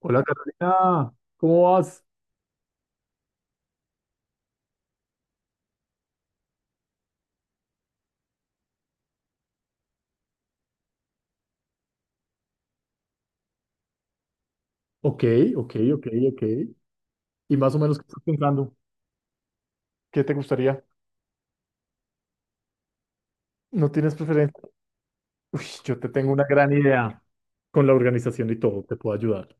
Hola Carolina, ¿cómo vas? Ok, ok. Y más o menos, ¿qué estás pensando? ¿Qué te gustaría? ¿No tienes preferencia? Uy, yo te tengo una gran idea con la organización y todo, te puedo ayudar.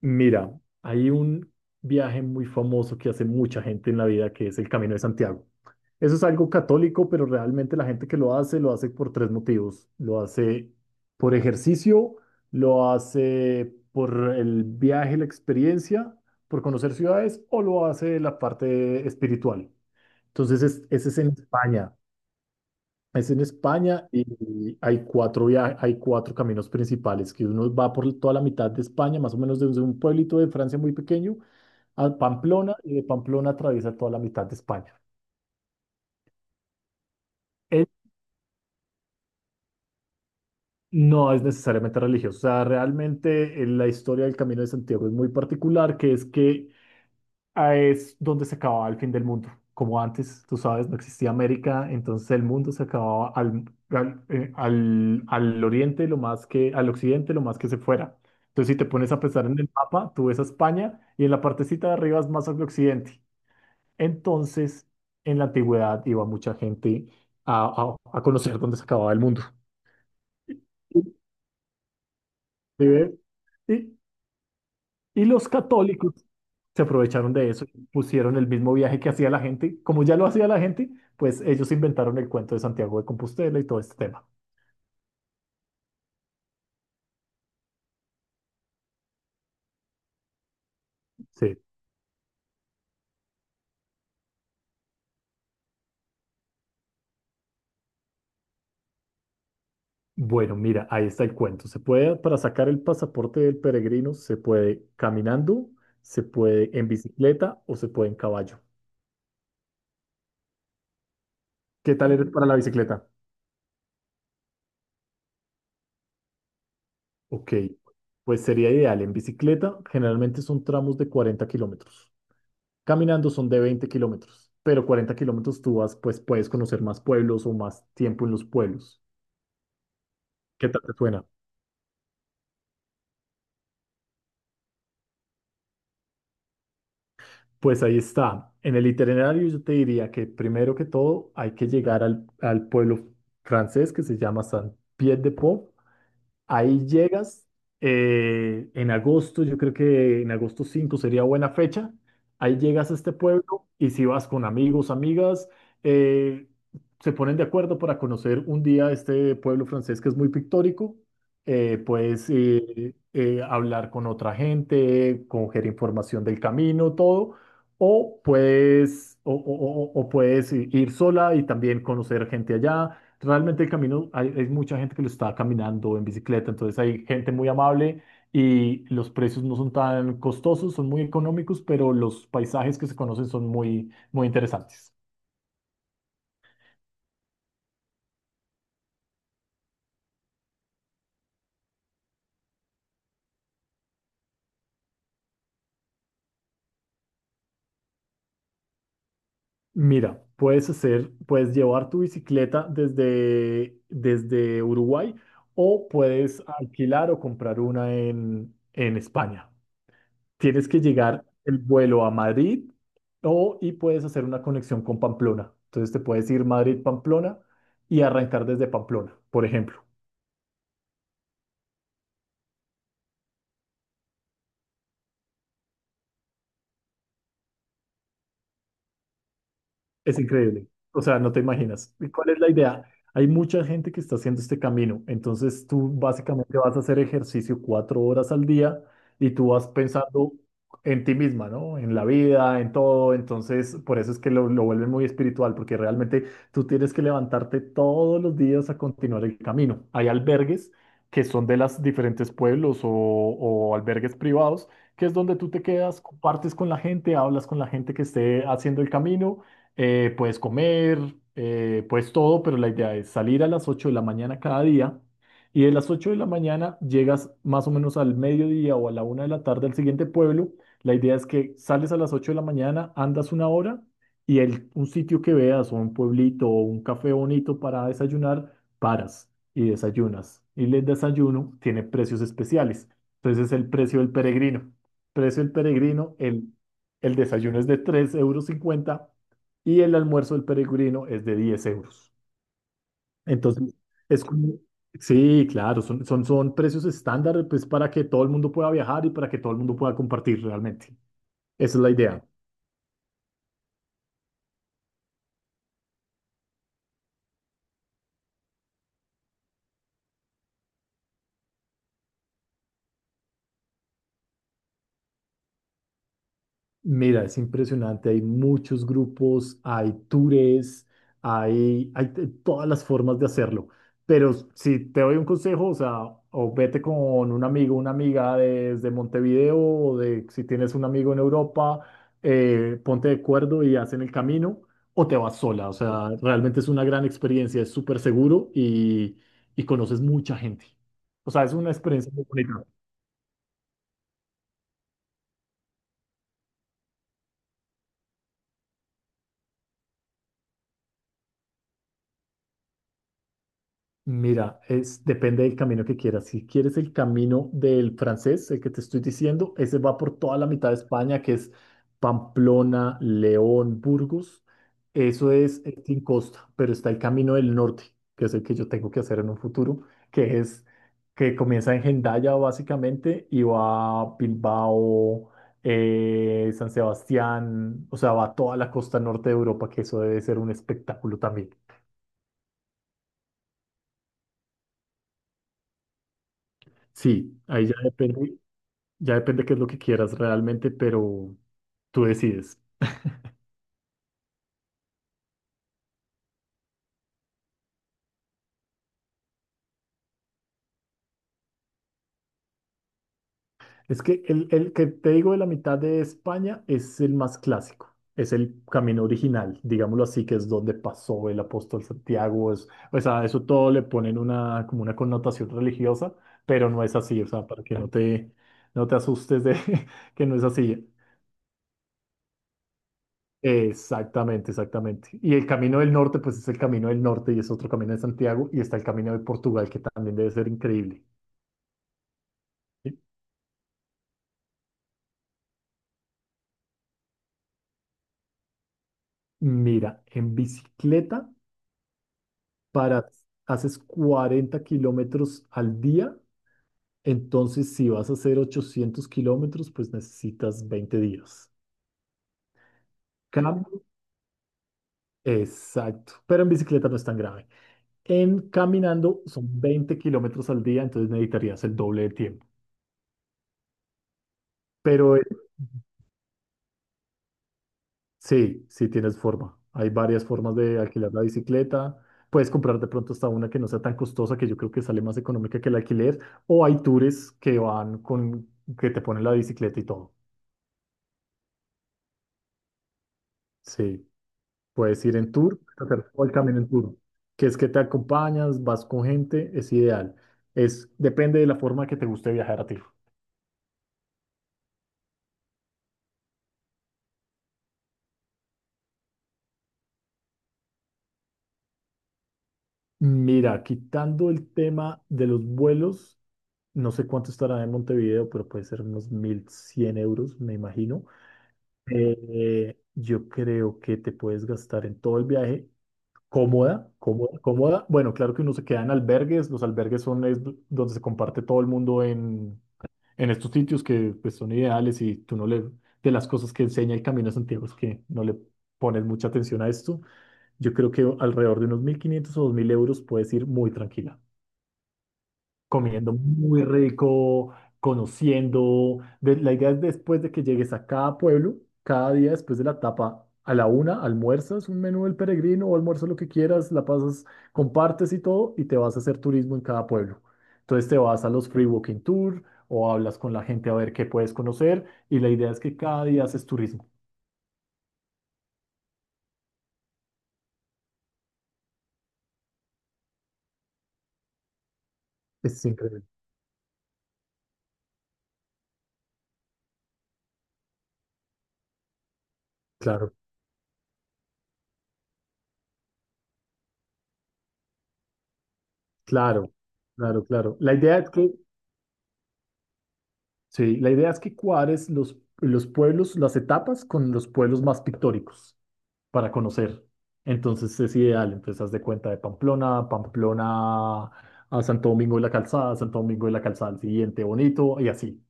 Mira, hay un viaje muy famoso que hace mucha gente en la vida, que es el Camino de Santiago. Eso es algo católico, pero realmente la gente que lo hace por 3 motivos. Lo hace por ejercicio, lo hace por el viaje, la experiencia, por conocer ciudades o lo hace la parte espiritual. Entonces, ese es en España. Es en España y hay hay 4 caminos principales, que uno va por toda la mitad de España, más o menos desde un pueblito de Francia muy pequeño a Pamplona y de Pamplona atraviesa toda la mitad de España. Él no es necesariamente religioso, o sea, realmente la historia del Camino de Santiago es muy particular, que es que es donde se acababa el fin del mundo. Como antes, tú sabes, no existía América, entonces el mundo se acababa al oriente, lo más que, al occidente, lo más que se fuera. Entonces, si te pones a pensar en el mapa, tú ves a España y en la partecita de arriba es más al occidente. Entonces, en la antigüedad iba mucha gente a conocer dónde se acababa el mundo. ¿Sí ves? Y, y los católicos se aprovecharon de eso, y pusieron el mismo viaje que hacía la gente, como ya lo hacía la gente, pues ellos inventaron el cuento de Santiago de Compostela y todo este tema. Sí. Bueno, mira, ahí está el cuento. Se puede, para sacar el pasaporte del peregrino, se puede caminando, se puede en bicicleta o se puede en caballo. ¿Qué tal eres para la bicicleta? Ok, pues sería ideal. En bicicleta generalmente son tramos de 40 kilómetros. Caminando son de 20 kilómetros, pero 40 kilómetros tú vas, pues puedes conocer más pueblos o más tiempo en los pueblos. ¿Qué tal te suena? Pues ahí está. En el itinerario yo te diría que primero que todo hay que llegar al pueblo francés que se llama Saint-Pierre-de-Port. Ahí llegas en agosto, yo creo que en 5 de agosto sería buena fecha. Ahí llegas a este pueblo y si vas con amigos, amigas, eh, se ponen de acuerdo para conocer un día este pueblo francés que es muy pictórico. Puedes hablar con otra gente, coger información del camino, todo. O puedes, o puedes ir sola y también conocer gente allá. Realmente el camino, hay mucha gente que lo está caminando en bicicleta, entonces hay gente muy amable y los precios no son tan costosos, son muy económicos, pero los paisajes que se conocen son muy, muy interesantes. Mira, puedes hacer, puedes llevar tu bicicleta desde Uruguay o puedes alquilar o comprar una en España. Tienes que llegar el vuelo a Madrid o y puedes hacer una conexión con Pamplona. Entonces te puedes ir Madrid-Pamplona y arrancar desde Pamplona, por ejemplo. Es increíble. O sea, no te imaginas. ¿Y cuál es la idea? Hay mucha gente que está haciendo este camino. Entonces tú básicamente vas a hacer ejercicio 4 horas al día y tú vas pensando en ti misma, ¿no? En la vida, en todo. Entonces, por eso es que lo vuelven muy espiritual, porque realmente tú tienes que levantarte todos los días a continuar el camino. Hay albergues que son de los diferentes pueblos o albergues privados, que es donde tú te quedas, compartes con la gente, hablas con la gente que esté haciendo el camino, puedes comer, puedes todo, pero la idea es salir a las 8 de la mañana cada día y de las 8 de la mañana llegas más o menos al mediodía o a la una de la tarde al siguiente pueblo. La idea es que sales a las 8 de la mañana, andas una hora y el, un sitio que veas o un pueblito o un café bonito para desayunar, paras y desayunas. Y el desayuno tiene precios especiales. Entonces es el precio del peregrino. Precio del peregrino, el desayuno es de 3,50 euros y el almuerzo del peregrino es de 10 euros. Entonces, es como, sí, claro, son precios estándar pues, para que todo el mundo pueda viajar y para que todo el mundo pueda compartir realmente. Esa es la idea. Mira, es impresionante, hay muchos grupos, hay tours, hay todas las formas de hacerlo, pero si te doy un consejo, o sea, o vete con un amigo, una amiga desde Montevideo, o de, si tienes un amigo en Europa, ponte de acuerdo y hacen el camino, o te vas sola, o sea, realmente es una gran experiencia, es súper seguro y conoces mucha gente, o sea, es una experiencia muy bonita. Mira, es, depende del camino que quieras. Si quieres el camino del francés, el que te estoy diciendo, ese va por toda la mitad de España, que es Pamplona, León, Burgos. Eso es sin costa, pero está el camino del norte, que es el que yo tengo que hacer en un futuro, que es que comienza en Hendaya básicamente y va a Bilbao, San Sebastián, o sea, va a toda la costa norte de Europa, que eso debe ser un espectáculo también. Sí, ahí ya depende. Ya depende qué es lo que quieras realmente, pero tú decides. Es que el que te digo de la mitad de España es el más clásico, es el camino original, digámoslo así, que es donde pasó el apóstol Santiago. Es- o sea, eso todo le ponen una, como una connotación religiosa, pero no es así, o sea, para que no te, no te asustes de que no es así. Exactamente, exactamente. Y el camino del norte, pues es el camino del norte y es otro camino de Santiago y está el camino de Portugal, que también debe ser increíble. Mira, en bicicleta para haces 40 kilómetros al día, entonces si vas a hacer 800 kilómetros, pues necesitas 20 días. Cam- Exacto, pero en bicicleta no es tan grave. En caminando son 20 kilómetros al día, entonces necesitarías el doble de tiempo. Pero sí, sí tienes forma. Hay varias formas de alquilar la bicicleta. Puedes comprar de pronto hasta una que no sea tan costosa, que yo creo que sale más económica que el alquiler. O hay tours que van con, que te ponen la bicicleta y todo. Sí, puedes ir en tour, puedes hacer todo el camino en tour, que es que te acompañas, vas con gente, es ideal. Es, depende de la forma que te guste viajar a ti. Mira, quitando el tema de los vuelos, no sé cuánto estará en Montevideo, pero puede ser unos 1100 euros, me imagino. Yo creo que te puedes gastar en todo el viaje cómoda, cómoda, cómoda. Bueno, claro que uno se queda en albergues. Los albergues son donde se comparte todo el mundo en estos sitios que pues, son ideales y tú no le... De las cosas que enseña el Camino de Santiago es que no le pones mucha atención a esto. Yo creo que alrededor de unos 1500 o 2000 euros puedes ir muy tranquila comiendo muy rico, conociendo. De- la idea es después de que llegues a cada pueblo, cada día después de la etapa, a la una, almuerzas un menú del peregrino o almuerzas lo que quieras, la pasas, compartes y todo, y te vas a hacer turismo en cada pueblo. Entonces te vas a los free walking tour o hablas con la gente a ver qué puedes conocer, y la idea es que cada día haces turismo. Es increíble. Claro, claro, claro, claro. La idea es que sí, la idea es que cuadres los pueblos, las etapas con los pueblos más pictóricos para conocer. Entonces es ideal, entonces haz de cuenta de Pamplona, Pamplona a Santo Domingo de la Calzada, Santo Domingo de la Calzada al siguiente, bonito, y así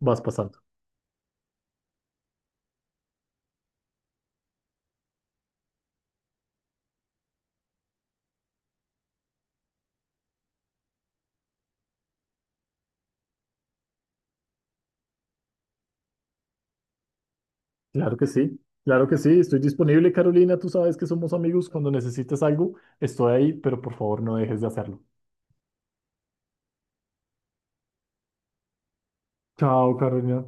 vas pasando. Claro que sí, estoy disponible, Carolina, tú sabes que somos amigos, cuando necesites algo, estoy ahí, pero por favor no dejes de hacerlo. Chao, Carolina.